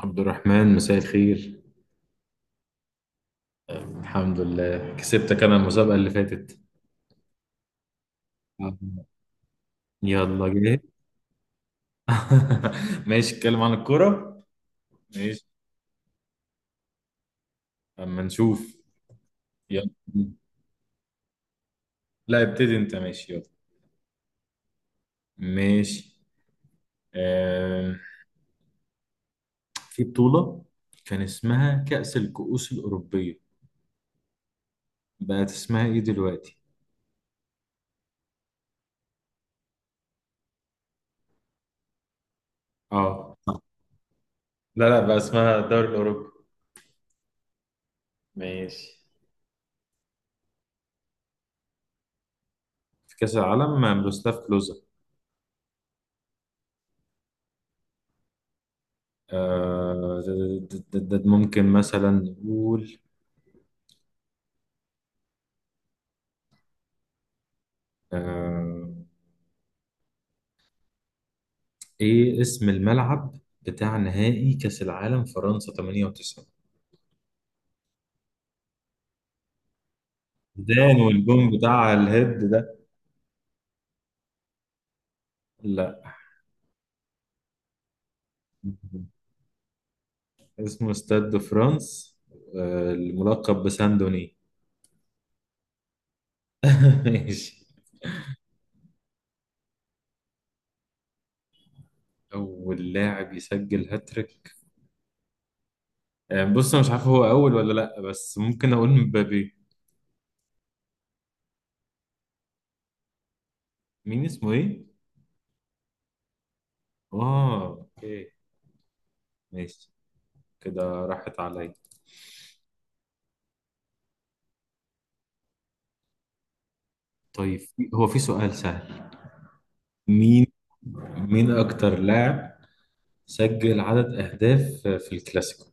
عبد الرحمن، مساء الخير. الحمد لله، كسبتك انا المسابقة اللي فاتت. يلا جاهز. ماشي، اتكلم عن الكورة. ماشي. اما نشوف. يلا. لا ابتدي انت، ماشي يلا. ماشي. آه في بطولة كان اسمها كأس الكؤوس الأوروبية، بقت اسمها ايه دلوقتي؟ اه. لا لا، بقى اسمها الدوري الأوروبي. ماشي. في كأس العالم مع ميروسلاف كلوزا. آه، ممكن مثلا نقول، آه، ايه اسم الملعب بتاع نهائي كأس العالم فرنسا 98؟ زيدان والجون بتاع الهيد ده. لا، اسمه استاد دو فرانس، الملقب بساندوني. ماشي. اول لاعب يسجل هاتريك؟ بص انا مش عارف هو اول ولا لا، بس ممكن اقول مبابي. مين؟ اسمه ايه؟ اه اوكي، ماشي. كده راحت عليا. طيب هو في سؤال سهل. مين؟ مين اكتر لاعب سجل عدد أهداف في الكلاسيكو؟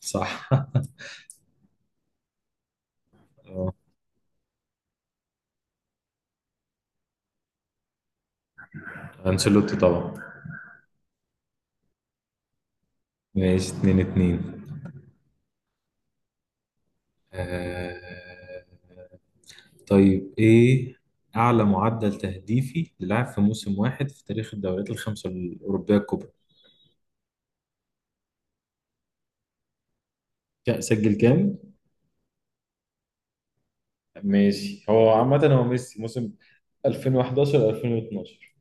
صح. آه، أنشيلوتي طبعا. ماشي، اتنين اتنين. آه... طيب، إيه أعلى معدل تهديفي للاعب في موسم واحد في تاريخ الدوريات الخمسة الأوروبية الكبرى؟ سجل كام؟ ماشي، هو عامة هو ميسي موسم 2011 2012.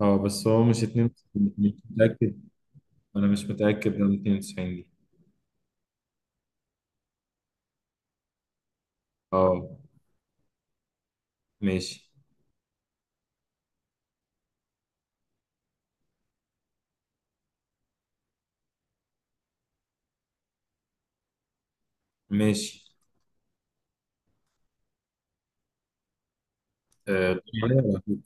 اه، بس هو مش 92، مش متأكد. أنا مش متأكد من 92 دي. اه. ماشي. ماشي. طيب.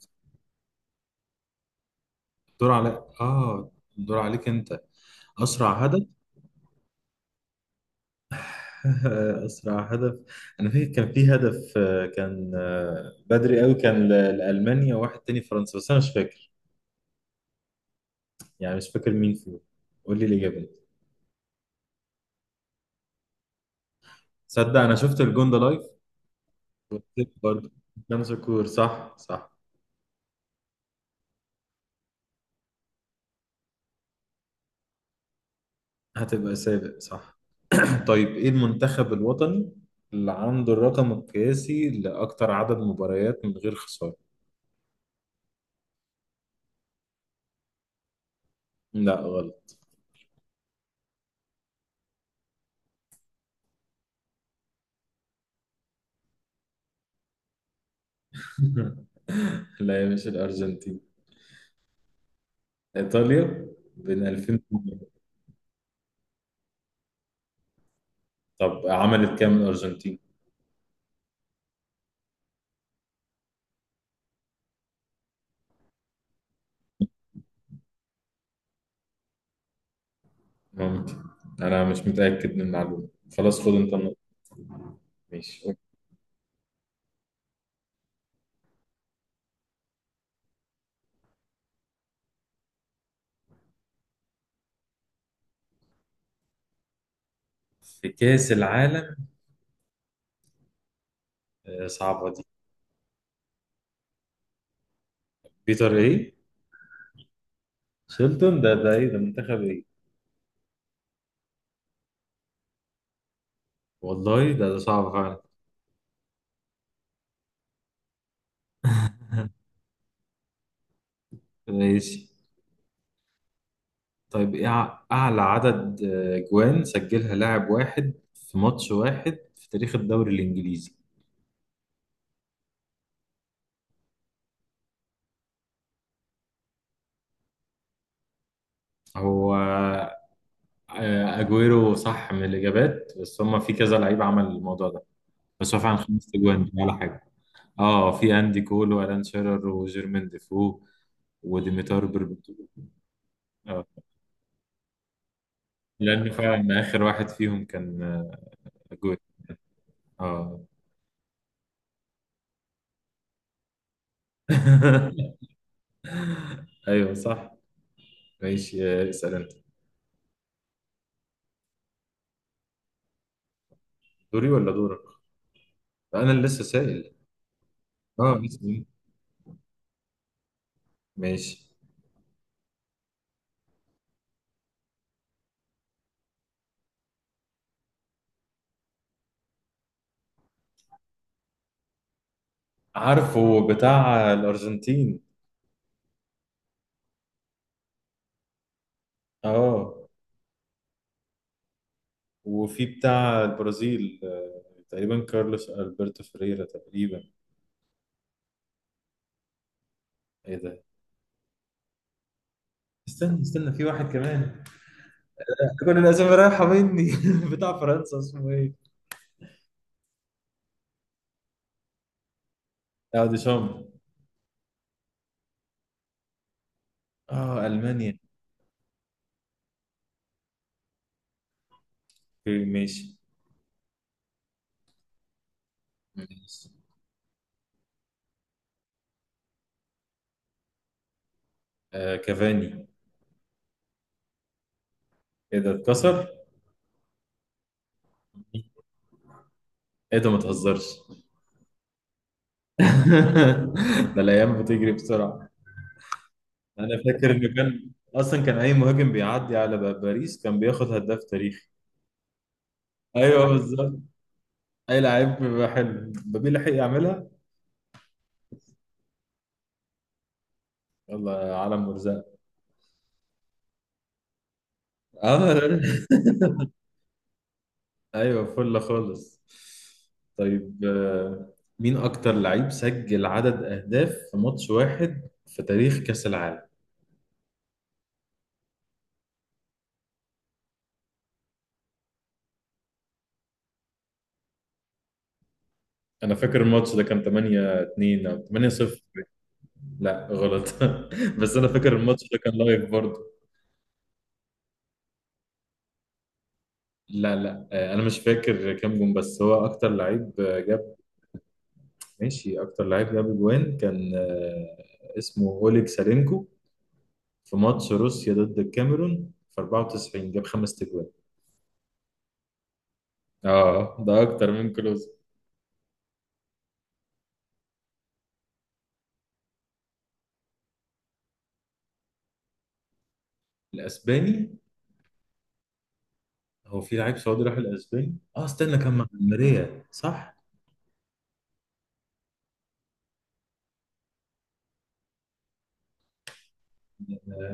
دور عليك. اه، دور عليك انت. اسرع هدف. اسرع هدف. انا فاكر كان في هدف، آه، كان آه، بدري قوي، كان لالمانيا وواحد تاني فرنسا، بس انا مش فاكر. يعني مش فاكر مين فيهم. قول لي الاجابه. صدق، انا شفت الجون ده لايف. وكسبت برضه. كان شكور، صح صح. هتبقى سابق، صح. طيب، ايه المنتخب الوطني اللي عنده الرقم القياسي لاكتر عدد مباريات من غير خساره؟ لا غلط. لا يا، مش الارجنتين. ايطاليا، بين 2000. طب عملت كام الارجنتين؟ ممكن، انا مش متاكد من المعلومه. خلاص، خد انت النقطه. ماشي. في كاس العالم. صعبه دي. بيتر ايه؟ شيلتون ده، ايه ده؟ منتخب ايه؟ والله، ده صعب فعلا. ماشي. طيب، ايه اعلى عدد جوان سجلها لاعب واحد في ماتش واحد في تاريخ الدوري الانجليزي؟ هو اجويرو صح من الاجابات، بس هما في كذا لعيب عمل الموضوع ده. بس هو فعلا خمس اجوان دي ولا حاجه؟ اه، في اندي كول والان شيرر وجيرمين ديفو وديميتار برباتوف. اه، لان فعلا اخر واحد فيهم كان جول. اه. ايوه صح. ماشي، اسال انت. دوري ولا دورك؟ انا اللي لسه سائل. اه اسال، ماشي. عارفه بتاع الارجنتين. اه، وفي بتاع البرازيل، تقريبا كارلوس البرتو فريرا تقريبا. ايه ده؟ استنى استنى، في واحد كمان. كل الاسامي رايحه مني. بتاع فرنسا اسمه ايه؟ اه، ديشامب. اه، المانيا. اوكي، ماشي. ماشي. كافاني. ايه ده، اتكسر؟ ايه ده، ما تهزرش. ده الايام بتجري بسرعه. انا فاكر انه كان اصلا، كان اي مهاجم بيعدي على باريس كان بياخد هداف تاريخي. ايوه بالظبط. اي لعيب بيبقى حلو، مبابي لحق يعملها. يلا يا عالم مرزق. اه، لا لا. ايوه فل خالص. طيب، مين اكتر لعيب سجل عدد اهداف في ماتش واحد في تاريخ كاس العالم؟ انا فاكر الماتش ده كان 8-2 او 8-0. لا غلط. بس انا فاكر الماتش ده كان لايف برضه. لا لا، انا مش فاكر كام جون، بس هو اكتر لعيب جاب. ماشي، اكتر لعيب جاب جوان كان اسمه اوليك سالينكو، في ماتش روسيا ضد الكاميرون في 94، جاب خمس تجوان. اه، ده اكتر من كلوز. الاسباني. هو في لعيب سعودي راح الاسباني؟ اه استنى، كان مع الماريا صح؟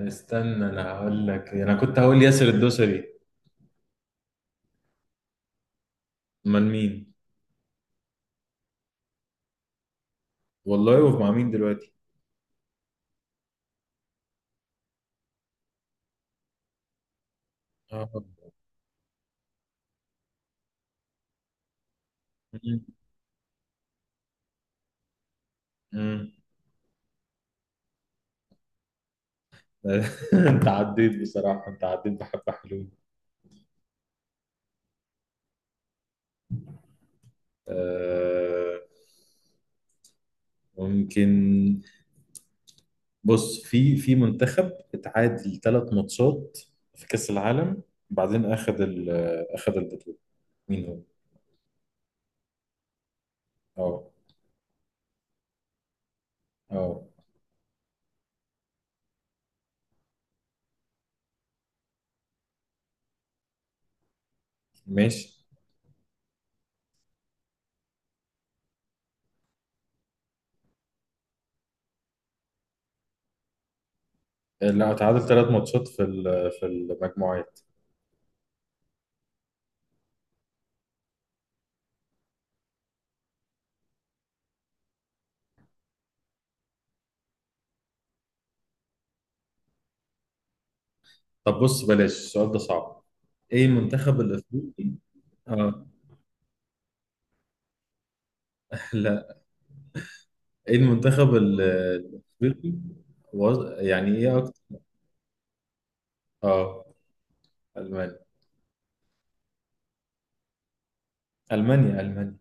استنى، انا هقول لك، انا كنت هقول ياسر الدوسري. امال مين؟ والله، ومع مين دلوقتي؟ اه. مم. مم. انت عديت بصراحة، انت عديت بحبة حلوين. آه ممكن. بص، في منتخب اتعادل ثلاث ماتشات في كأس العالم، بعدين اخذ اخذ البطولة، مين هو؟ اه. اه، ماشي. لا، اتعادل ثلاث ماتشات في في المجموعات. طب بص، بلاش، السؤال ده صعب. ايه المنتخب الافريقي؟ اه. لا. ايه المنتخب الافريقي، يعني ايه اكتر؟ اه المانيا. المانيا.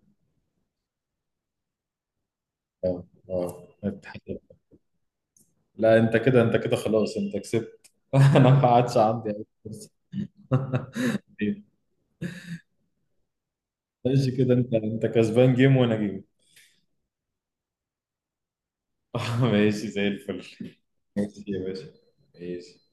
اه. اه، الاتحاد. لا انت كده، خلاص، انت كسبت. انا ما عادش عندي أي فرصة. ماشي كده، انت كسبان جيم وانا جيم. ماشي زي الفل. ماشي يا باشا. ماشي.